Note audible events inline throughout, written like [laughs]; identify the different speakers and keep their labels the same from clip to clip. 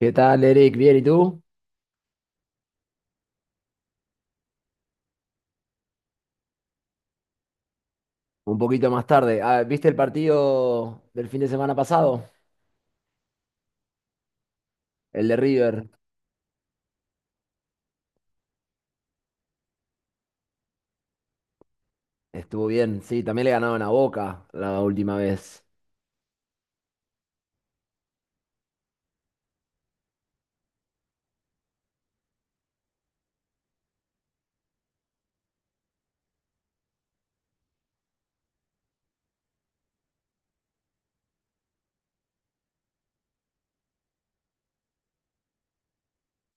Speaker 1: ¿Qué tal, Eric? ¿Bien? ¿Y tú? Un poquito más tarde. Ah, ¿viste el partido del fin de semana pasado? El de River. Estuvo bien, sí. También le ganaron a Boca la última vez.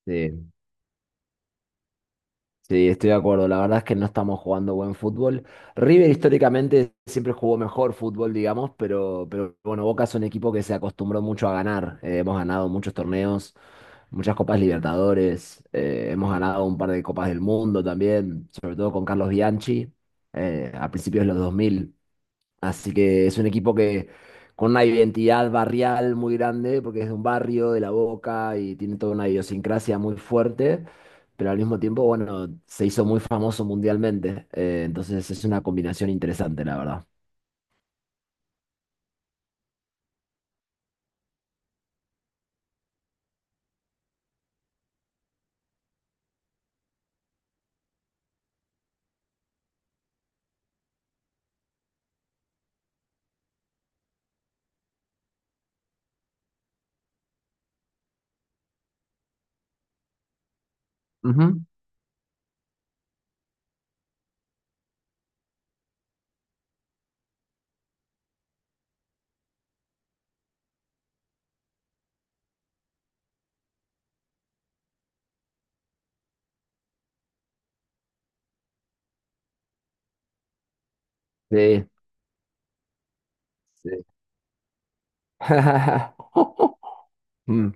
Speaker 1: Sí. Sí, estoy de acuerdo. La verdad es que no estamos jugando buen fútbol. River históricamente siempre jugó mejor fútbol, digamos, pero bueno, Boca es un equipo que se acostumbró mucho a ganar. Hemos ganado muchos torneos, muchas Copas Libertadores, hemos ganado un par de Copas del Mundo también, sobre todo con Carlos Bianchi, a principios de los 2000. Así que es un equipo que con una identidad barrial muy grande, porque es de un barrio, de La Boca, y tiene toda una idiosincrasia muy fuerte, pero al mismo tiempo, bueno, se hizo muy famoso mundialmente. Entonces es una combinación interesante, la verdad. Ujú. Sí, sí. [laughs] Mm.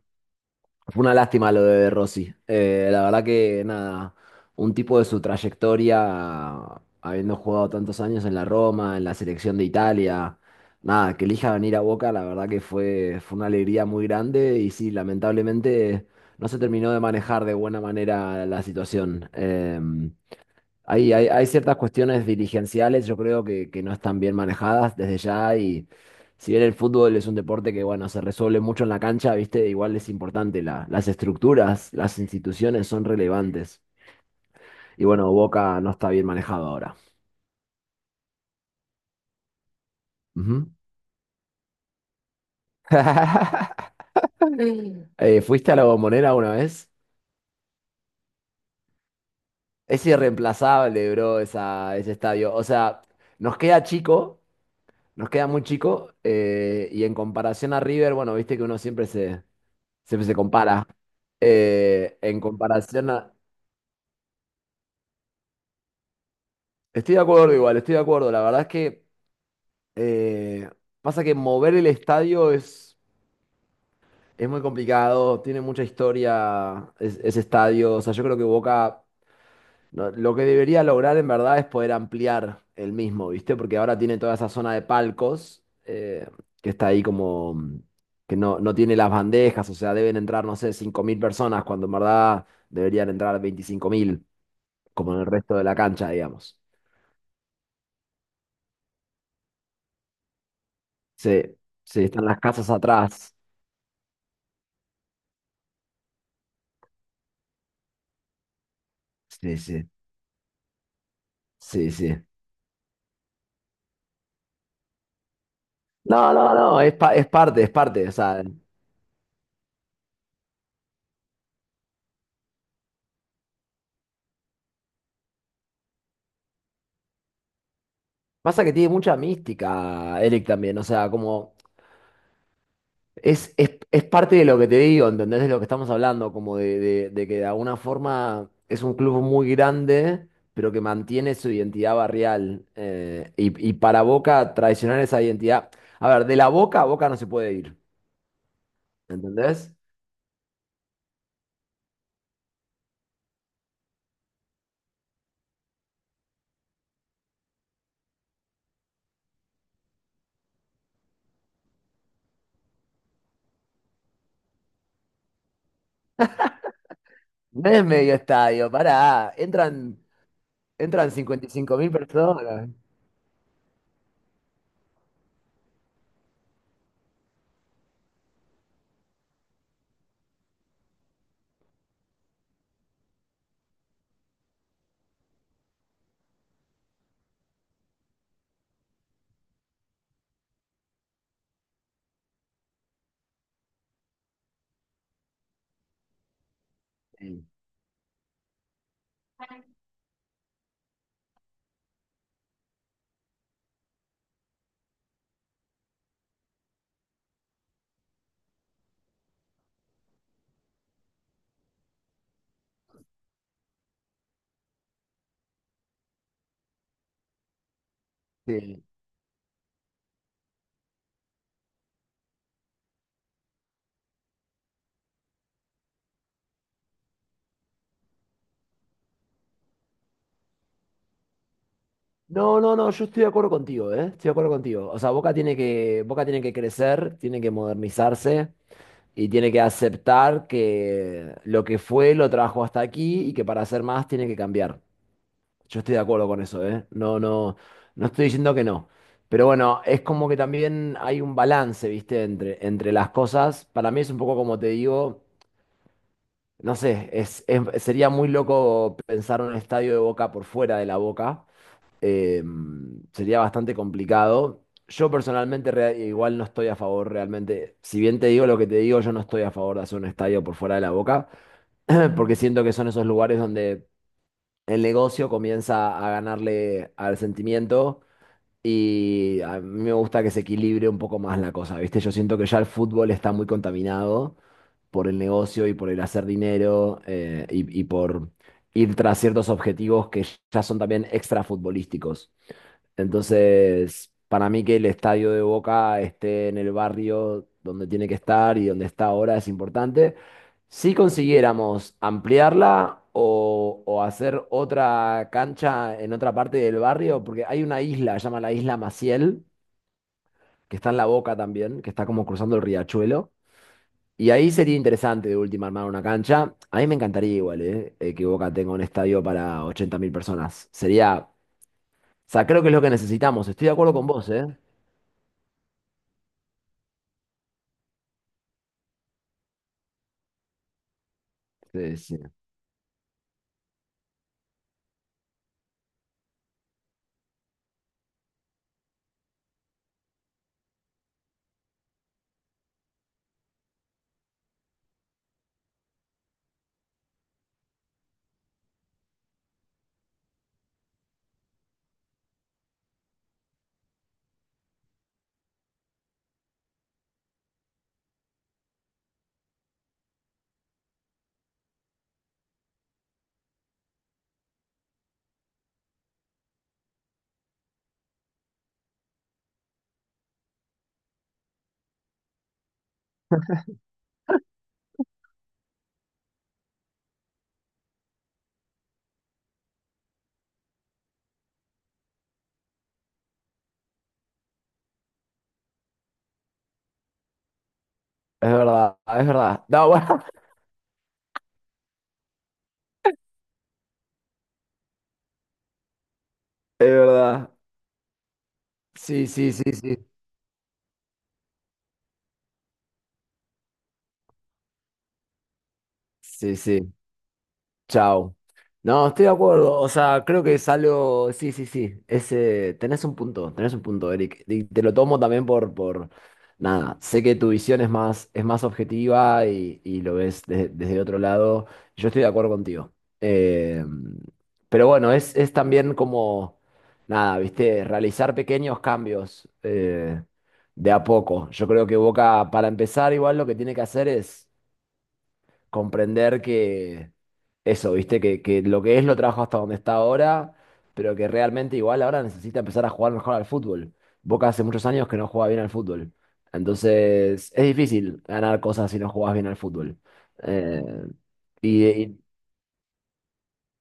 Speaker 1: Fue una lástima lo de Rossi. La verdad que nada, un tipo de su trayectoria, habiendo jugado tantos años en la Roma, en la selección de Italia, nada, que elija venir a Boca, la verdad que fue una alegría muy grande y sí, lamentablemente no se terminó de manejar de buena manera la situación. Hay ciertas cuestiones dirigenciales, yo creo que no están bien manejadas desde ya y si bien el fútbol es un deporte que, bueno, se resuelve mucho en la cancha, viste, igual es importante, las estructuras, las instituciones son relevantes. Y bueno, Boca no está bien manejado ahora. Ujú. [laughs] ¿Fuiste a la Bombonera una vez? Es irreemplazable, bro, ese estadio. O sea, nos queda chico, nos queda muy chico, y en comparación a River, bueno, viste que siempre se compara. En comparación a... Estoy de acuerdo igual, estoy de acuerdo. La verdad es que eh, pasa que mover es muy complicado, tiene mucha historia ese estadio. O sea, yo creo que Boca no, lo que debería lograr en verdad es poder ampliar el mismo, ¿viste? Porque ahora tiene toda esa zona de palcos que está ahí como... mm, que no tiene las bandejas, o sea, deben entrar, no sé, 5000 personas cuando en verdad deberían entrar 25 000 como en el resto de la cancha, digamos. Sí, sí, están las casas atrás. Sí, sí, sí, sí. No, no, no, es parte, es parte. O sea, pasa que tiene mucha mística, Eric, también. O sea, como es parte de lo que te digo, ¿entendés? De lo que estamos hablando, como de que de alguna forma es un club muy grande, pero que mantiene su identidad barrial. Y, y para Boca, traicionar esa identidad. A ver, de la Boca a Boca no se puede ir, ¿entendés? No es medio estadio, pará. Entran, entran 55 000 personas. Sí, sí. No, no, no, yo estoy de acuerdo contigo, ¿eh? Estoy de acuerdo contigo. O sea, Boca tiene que crecer, tiene que modernizarse y tiene que aceptar que lo que fue lo trajo hasta aquí y que para hacer más tiene que cambiar. Yo estoy de acuerdo con eso, ¿eh? No, no, no estoy diciendo que no. Pero bueno, es como que también hay un balance, ¿viste? Entre, entre las cosas. Para mí es un poco como te digo. No sé, sería muy loco pensar un estadio de Boca por fuera de la Boca. Eh, sería bastante complicado. Yo personalmente igual no estoy a favor realmente. Si bien te digo lo que te digo, yo no estoy a favor de hacer un estadio por fuera de la Boca, [clears throat] porque siento que son esos lugares donde el negocio comienza a ganarle al sentimiento y a mí me gusta que se equilibre un poco más la cosa, ¿viste? Yo siento que ya el fútbol está muy contaminado por el negocio y por el hacer dinero y por ir tras ciertos objetivos que ya son también extrafutbolísticos. Entonces, para mí que el estadio de Boca esté en el barrio donde tiene que estar y donde está ahora es importante. Si consiguiéramos ampliarla o hacer otra cancha en otra parte del barrio, porque hay una isla, se llama la Isla Maciel, que está en La Boca también, que está como cruzando el riachuelo. Y ahí sería interesante de última armar una cancha. A mí me encantaría igual, ¿eh? Que Boca tenga un estadio para 80 000 personas. Sería, o sea, creo que es lo que necesitamos. Estoy de acuerdo con vos, ¿eh? Sí, sí. Es verdad, es verdad. No, bueno, [laughs] es verdad. Sí, sí, sí, sí. Sí, sí. Chao. No, estoy de acuerdo. O sea, creo que es algo. Sí, sí, sí. Ese... tenés un punto, Eric. Y te lo tomo también por. Nada. Sé que tu visión es más objetiva y lo ves desde otro lado. Yo estoy de acuerdo contigo. Eh, Pero bueno, es también como. Nada, viste, realizar pequeños cambios de a poco. Yo creo que Boca, para empezar, igual lo que tiene que hacer es comprender que eso, ¿viste? Que lo que es lo trajo hasta donde está ahora, pero que realmente igual ahora necesita empezar a jugar mejor al fútbol. Boca hace muchos años que no juega bien al fútbol. Entonces, es difícil ganar cosas si no jugás bien al fútbol. Eh, y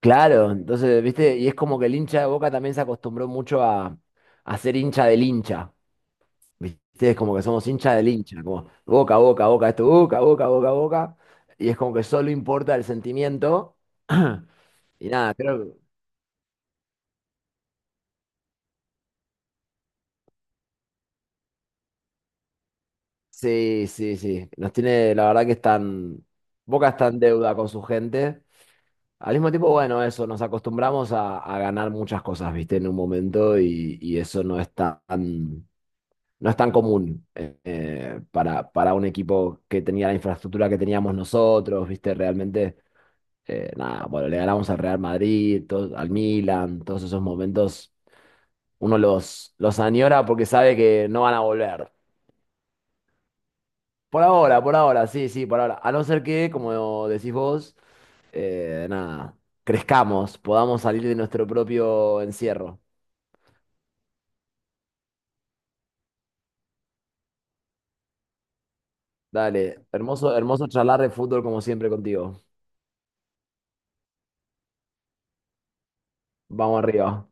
Speaker 1: claro, entonces, ¿viste? Y es como que el hincha de Boca también se acostumbró mucho a ser hincha del hincha. ¿Viste? Es como que somos hincha del hincha, como boca, boca, boca, esto, boca, boca, boca, boca. Y es como que solo importa el sentimiento. [clears throat] Y nada, creo que sí, sí, sí. Nos tiene, la verdad que están, Boca está en deuda con su gente. Al mismo tiempo, bueno, eso, nos acostumbramos a ganar muchas cosas, ¿viste? En un momento y eso no es tan común para un equipo que tenía la infraestructura que teníamos nosotros, ¿viste? Realmente eh, nada, bueno, le ganamos al Real Madrid, al Milan, todos esos momentos, uno los añora porque sabe que no van a volver. Por ahora, sí, sí, por ahora. A no ser que, como decís vos, nada, crezcamos, podamos salir de nuestro propio encierro. Dale, hermoso, hermoso charlar de fútbol como siempre contigo. Vamos arriba.